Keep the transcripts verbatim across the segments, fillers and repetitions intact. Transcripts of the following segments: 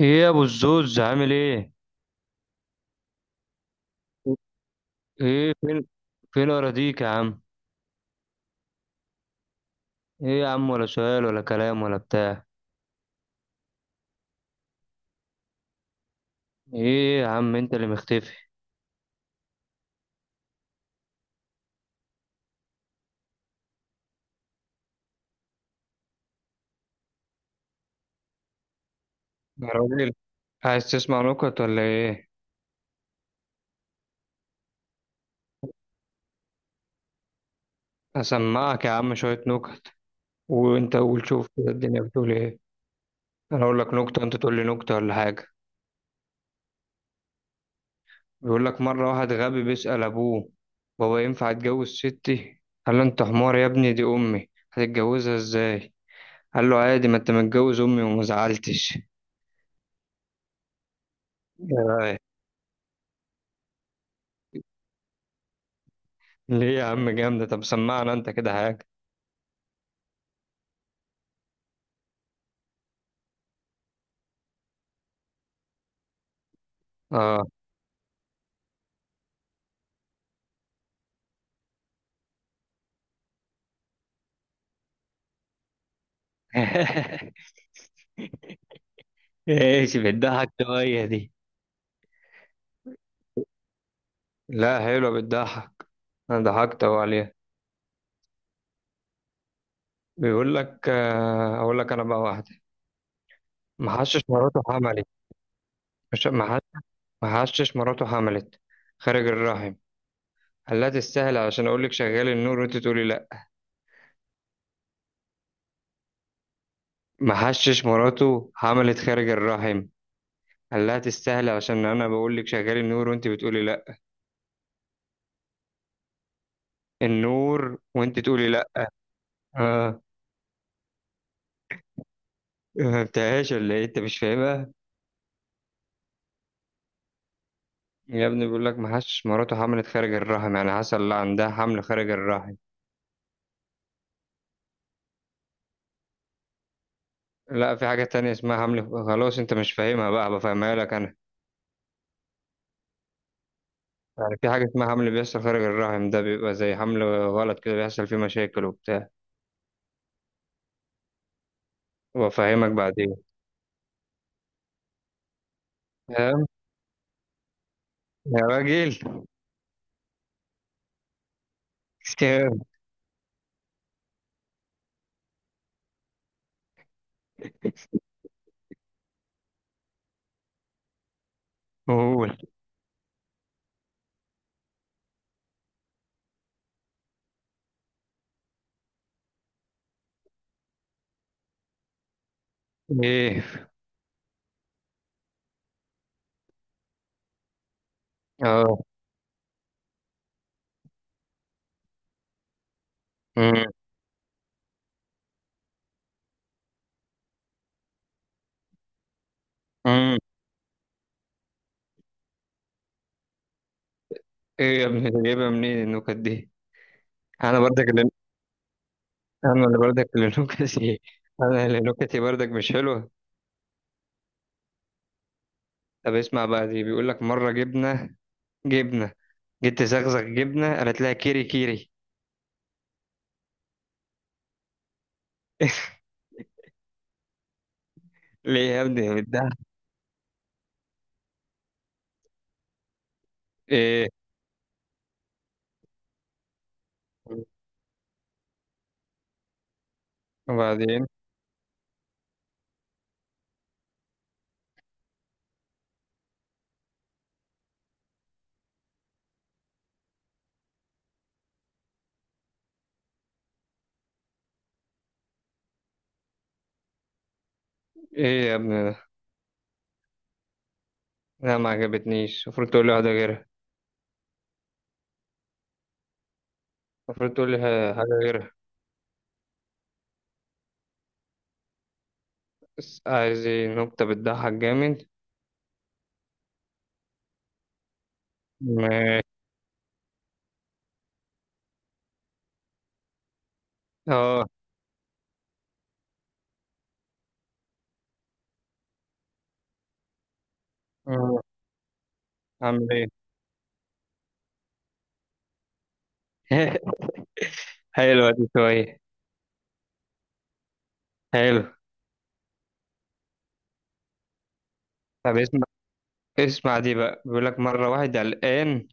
ايه يا ابو الزوز عامل ايه؟ ايه فين؟ فين اراضيك يا عم؟ ايه يا عم، ولا سؤال ولا كلام ولا بتاع؟ ايه يا عم انت اللي مختفي. يا راجل، عايز تسمع نكت ولا ايه؟ اسمعك يا عم شوية نكت، وانت قول شوف كده الدنيا بتقول ايه. انا اقول لك نكتة انت تقول لي نكتة ولا حاجة. بيقول لك مرة واحد غبي بيسأل ابوه: بابا ينفع اتجوز ستي؟ قال له: انت حمار يا ابني، دي امي هتتجوزها ازاي؟ قال له: عادي، ما انت متجوز امي وما زعلتش. إيه رأيك؟ ليه يا عم جامدة، طب سمعنا انت كده حاجة. اه. ايش بتضحك شوية دي؟ لا حلوة بتضحك، انا ضحكت اهو عليها. بيقول لك آه، اقول لك انا بقى واحدة. محشش مراته حملت. مش محش- محشش مراته حملت خارج الرحم. قال لها: تستاهل، علشان اقول لك شغال النور وانت تقولي لا. محشش مراته حملت خارج الرحم. قال لها: تستاهل، علشان انا بقول لك شغال النور وانت بتقولي لا. النور وانت تقولي لا. آه. ما فهمتهاش ولا ايه؟ انت مش فاهمها. يا ابني بيقول لك ما حدش مراته حملت خارج الرحم، يعني حصل لا عندها حمل خارج الرحم. لا في حاجة تانية اسمها حمل، خلاص انت مش فاهمها بقى، بفهمها لك انا. يعني في حاجة اسمها حمل بيحصل خارج الرحم، ده بيبقى زي حمل غلط كده، بيحصل فيه مشاكل وبتاع. وافهمك بعدين. تمام. يا راجل. تمام. قول. ايه. اه. أمم. أمم. ايه يا ابني جايبها منين النكت دي؟ انا برضك اللي انا اللي برضك اللي نكتي انا اللي نكتي برضك مش حلوة. طب اسمع بقى دي، بيقول لك مرة جبنة. جبنة جيت تزغزغ جبنة، قالت لها: كيري كيري. ليه يا ابني ده؟ ايه. وبعدين. ايه يا ابني ده؟ لا ما عجبتنيش، المفروض تقول لي واحدة غيرها. المفروض تقول لي ح- حاجة غيرها. بس عايز ايه؟ نكتة بتضحك جامد. ماشي. اه. آه. عامل ايه. حلوة دي شوية. حلو. طب اسمع، اسمع دي بقى، بيقول لك مرة واحد قلقان،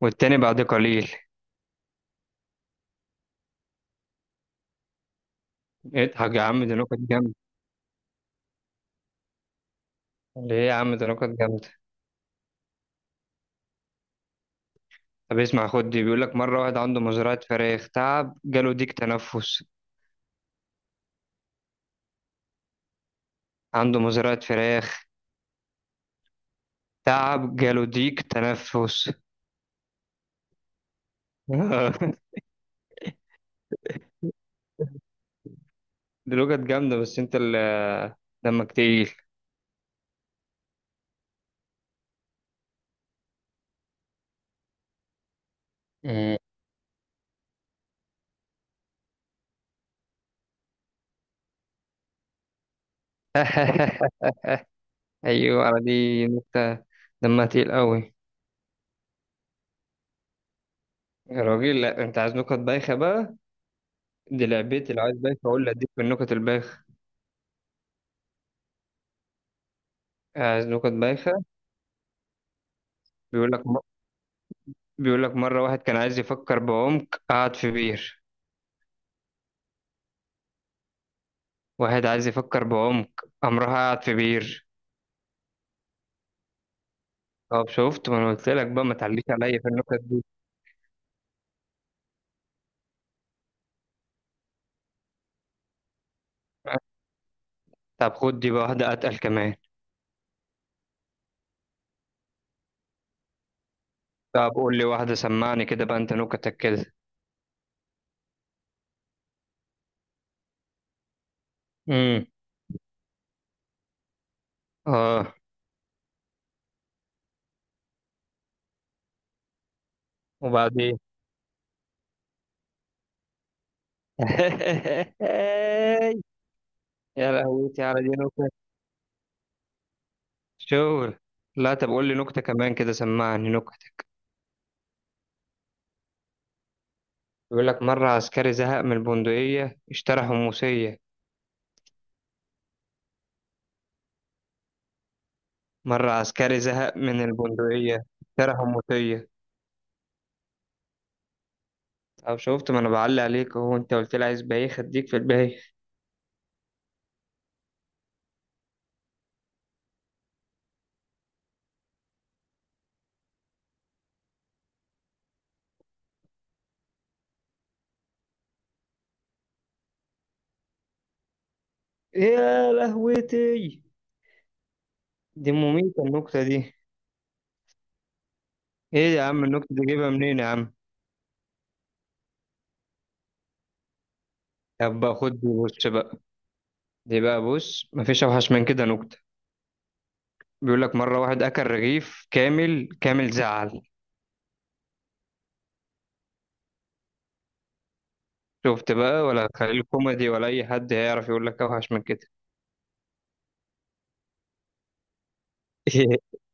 والتاني بعد قليل. اضحك يا عم، ده نكت جامدة. ليه يا عم؟ ده نكت جامدة. طب اسمع خد دي، بيقول لك مرة واحد عنده مزرعة فراخ، تعب جاله ديك تنفس. عنده مزرعة فراخ، تعب جاله ديك تنفس. دي لغة جامدة، بس انت اللي دمك تقيل. مم. ايوه على دي نكتة، دمها تقيل قوي. يا راجل، لا انت عايز نكت بايخة بقى؟ دي لعبتي، لو عايز بايخة اقول لك، اديك في النكت البايخة. عايز نكت بايخة. بيقول لك م... بيقول لك مرة واحد كان عايز يفكر بعمق، قعد في بير. واحد عايز يفكر بعمق، قام راح قاعد في بير. طب شفت، ما انا قلت لك بقى ما تعليش عليا في النكت دي. طب خد دي بقى، واحدة اتقل كمان. طب قول لي واحدة، سمعني كده بقى انت نكتك كده. امم. اه. وبعدين. يا لهوتي على دي نكت! شغل. لا طب قول لي نكتة كمان كده، سمعني نكتة. بيقول لك مرة عسكري زهق من البندقية اشترى حموسية. مرة عسكري زهق من البندقية اشترى حموسية. او شفت، ما انا بعلق عليك اهو، انت قلت لي عايز بايخ، اديك في البايخ. يا لهوتي، دي مميتة النكتة دي. ايه يا عم النكتة دي جايبها منين يا عم؟ طب بقى خد دي بص بقى. دي بقى بص مفيش اوحش من كده نكتة. بيقول لك مرة واحد اكل رغيف كامل، كامل زعل. شفت بقى؟ ولا خليل كوميدي ولا اي حد هيعرف يقول لك اوحش من كده.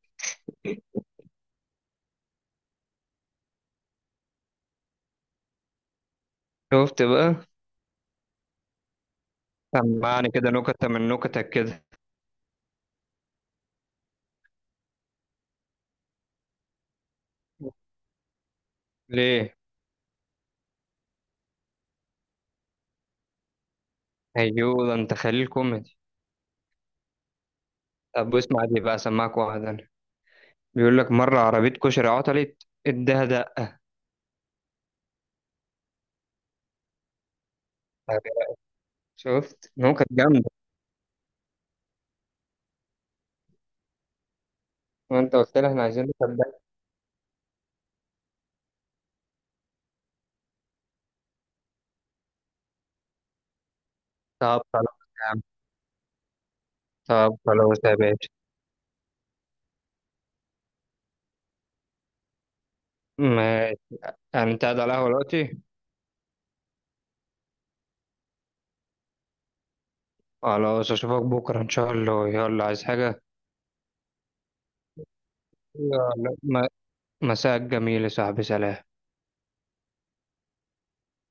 شفت بقى؟ سمعني كده نكتة من نكتك كده. ليه. ايوه، ده انت خليل كوميدي. طب اسمع دي بقى، سمعك واحد انا. بيقول لك مرة عربية كشري عطلت اداها دقة. طب يا- شفت نكت جامدة. وانت قلت لي احنا عايزين نكت دقة. طب خلاص يا عم. طب خلاص يا باشا. ماشي. يعني انت قاعد على القهوة دلوقتي؟ خلاص اشوفك بكرة ان شاء الله، يلا عايز حاجة؟ يلا م- مساء جميل يا صاحبي، سلام.